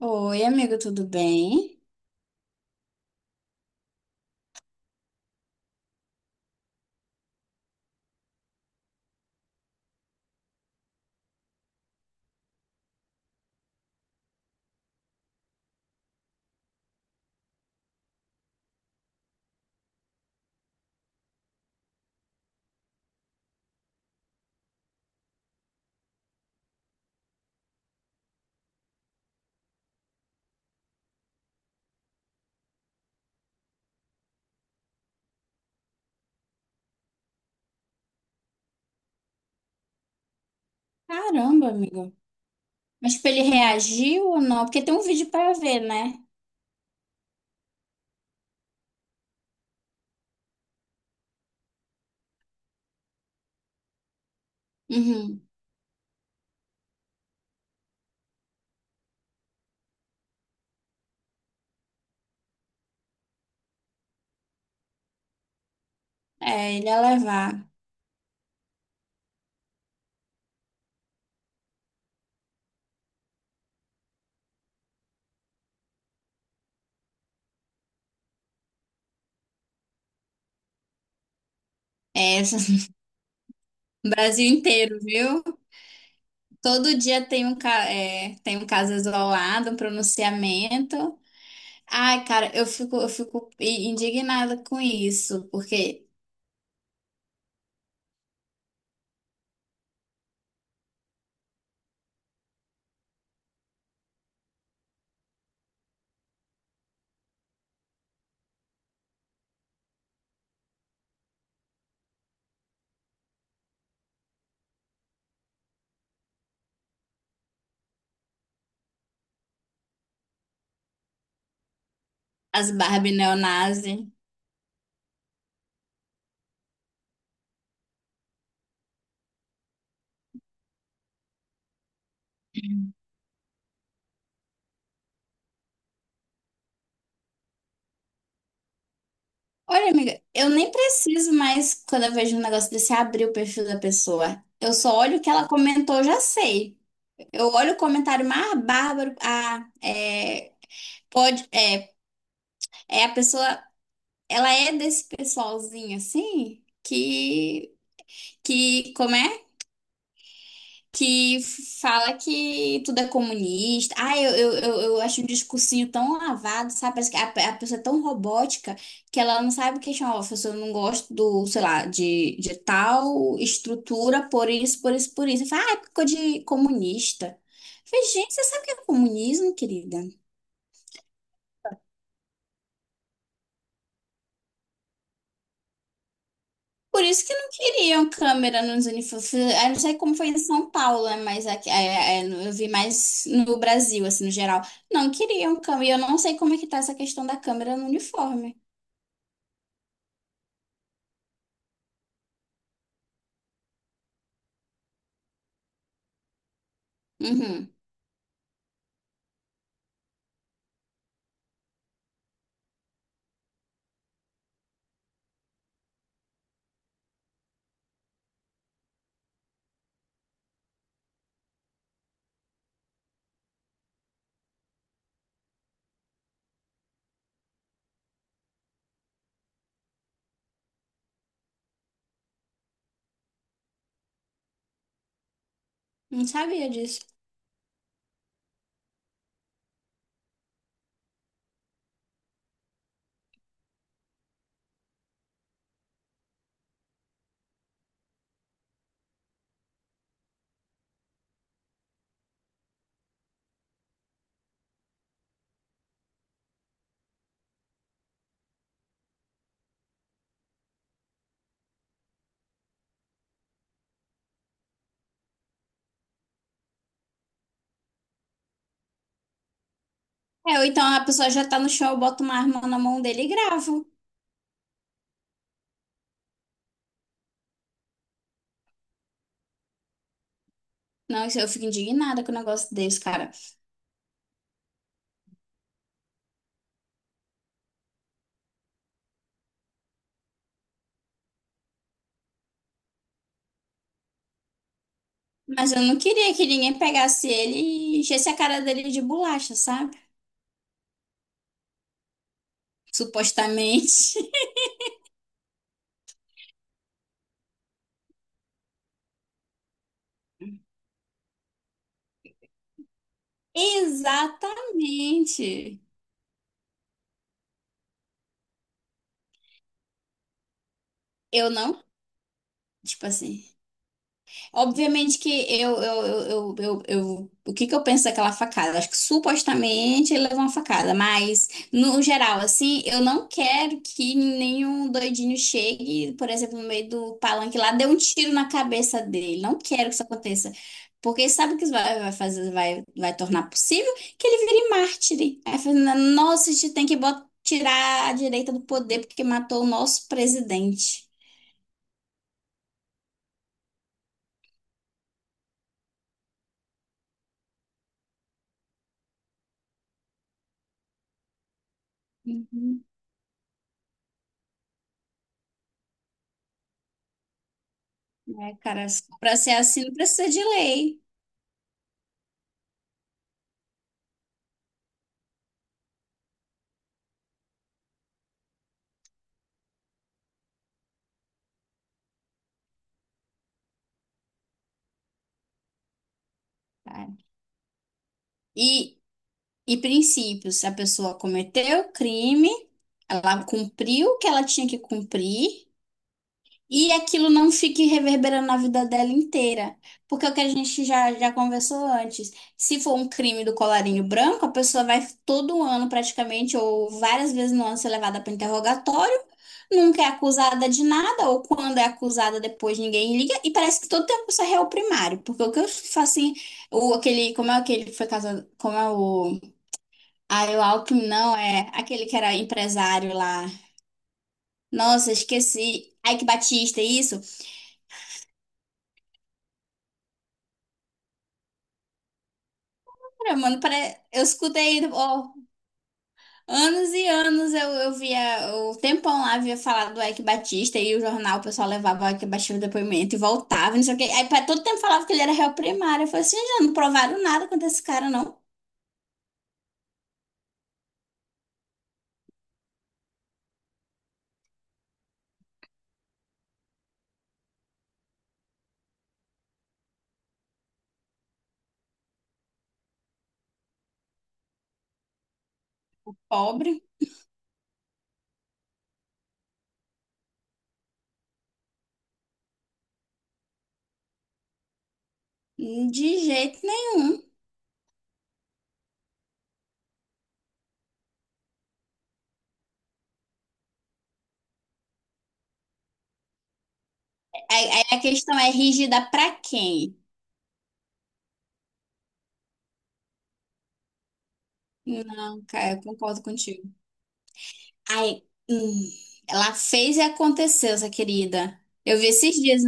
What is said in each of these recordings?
Oi, amigo, tudo bem? Caramba, amigo. Mas tipo, ele reagiu ou não? Porque tem um vídeo pra ver, né? Uhum. É, ele ia levar. É, Brasil inteiro, viu? Todo dia tem um, tem um caso isolado, um pronunciamento. Ai, cara, eu fico indignada com isso, porque as Barbie neonazi. Olha, amiga, eu nem preciso mais, quando eu vejo um negócio desse, abrir o perfil da pessoa. Eu só olho o que ela comentou, eu já sei. Eu olho o comentário mais bárbaro. Ah, é, pode, é, é a pessoa, ela é desse pessoalzinho assim, que, como é? Que fala que tudo é comunista. Ah, eu acho um discursinho tão lavado, sabe? Parece que a pessoa é tão robótica que ela não sabe questionar. Ó, professor, eu não gosto do, sei lá, de tal estrutura, por isso. Fala, ah, é porque ficou de comunista. Eu falei, gente, você sabe o que é comunismo, querida? Por isso que não queriam câmera nos uniformes. Eu não sei como foi em São Paulo, né, mas aqui, eu vi mais no Brasil, assim, no geral. Não queriam câmera. E eu não sei como é que tá essa questão da câmera no uniforme. Uhum. Não sabia disso. É, ou então a pessoa já tá no chão, eu boto uma arma na mão dele e gravo. Não, isso eu fico indignada com o negócio desse, cara. Mas eu não queria que ninguém pegasse ele e enchesse a cara dele de bolacha, sabe? Supostamente. Exatamente. Eu não. Tipo assim. Obviamente que eu, o que que eu penso daquela facada? Acho que supostamente ele levou uma facada, mas no geral, assim, eu não quero que nenhum doidinho chegue, por exemplo, no meio do palanque lá, dê um tiro na cabeça dele. Não quero que isso aconteça. Porque sabe o que isso vai fazer, vai tornar possível? Que ele vire mártire. Aí, fala, nossa, a gente tem que tirar a direita do poder porque matou o nosso presidente. É, cara, para ser assim não precisa de lei, cara. E, e princípios, se a pessoa cometeu o crime, ela cumpriu o que ela tinha que cumprir, e aquilo não fique reverberando na vida dela inteira. Porque é o que a gente já conversou antes. Se for um crime do colarinho branco, a pessoa vai todo ano praticamente, ou várias vezes no ano, ser levada para interrogatório, nunca é acusada de nada, ou quando é acusada depois ninguém liga, e parece que todo tempo isso é réu primário. Porque o que eu faço assim, aquele, como é aquele que foi casado, como é o. Ah, o Alckmin, não, é aquele que era empresário lá. Nossa, esqueci. Ike Batista, isso? Cara, mano, pare... eu escutei, ó, anos e anos eu via, o tempão lá via falar do Eike Batista e o jornal, o pessoal levava o Eike Batista no depoimento e voltava, não sei o quê. Aí pra todo tempo falava que ele era réu primário. Eu falei assim, já não provaram nada contra esse cara, não. Pobre. De jeito nenhum. Aí a questão é rígida pra quem? Não, cara, eu concordo contigo. Aí, hum, ela fez e aconteceu, essa querida. Eu vi esses dias.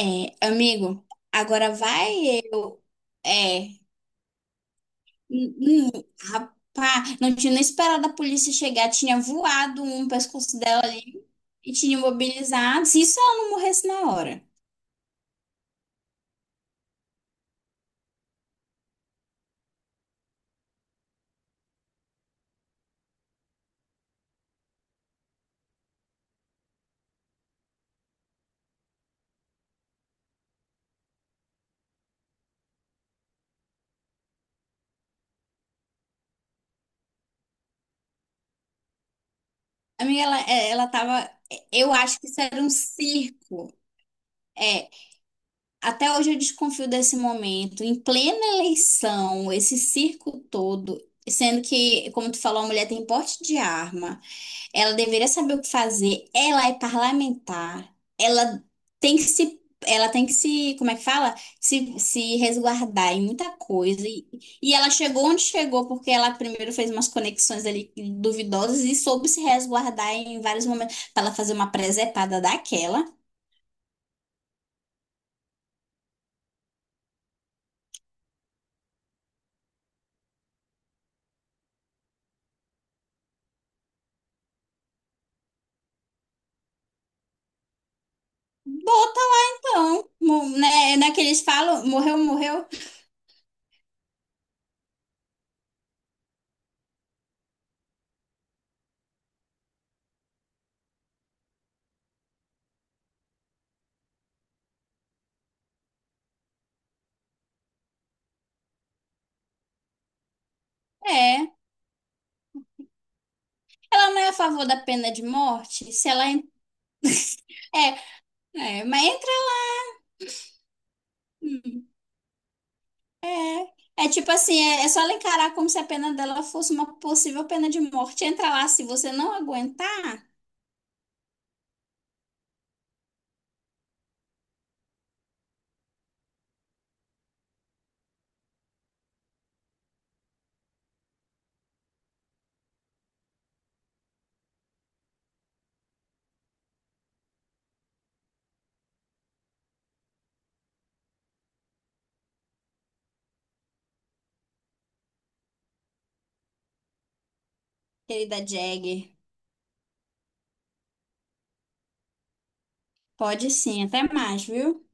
É, amigo, agora vai eu. É. hum, hum, rapaz, não tinha nem esperado a polícia chegar, tinha voado um pescoço dela e tinha imobilizado. Se isso ela não morresse na hora. Amiga, ela, é, ela tava. Eu acho que isso era um circo. É, até hoje eu desconfio desse momento. Em plena eleição, esse circo todo, sendo que, como tu falou, a mulher tem porte de arma. Ela deveria saber o que fazer. Ela é parlamentar. Ela tem que se, ela tem que se, como é que fala? Se resguardar em muita coisa. E ela chegou onde chegou porque ela primeiro fez umas conexões ali duvidosas e soube se resguardar em vários momentos para ela fazer uma presepada daquela. Bota lá então, Mo- né? Naqueles falam, morreu, morreu. É. Ela não é a favor da pena de morte? Se ela en- é, é, mas entra. Hum. É, é tipo assim, é, é só ela encarar como se a pena dela fosse uma possível pena de morte. Entra lá, se você não aguentar, querida Jagger, pode sim, até mais, viu?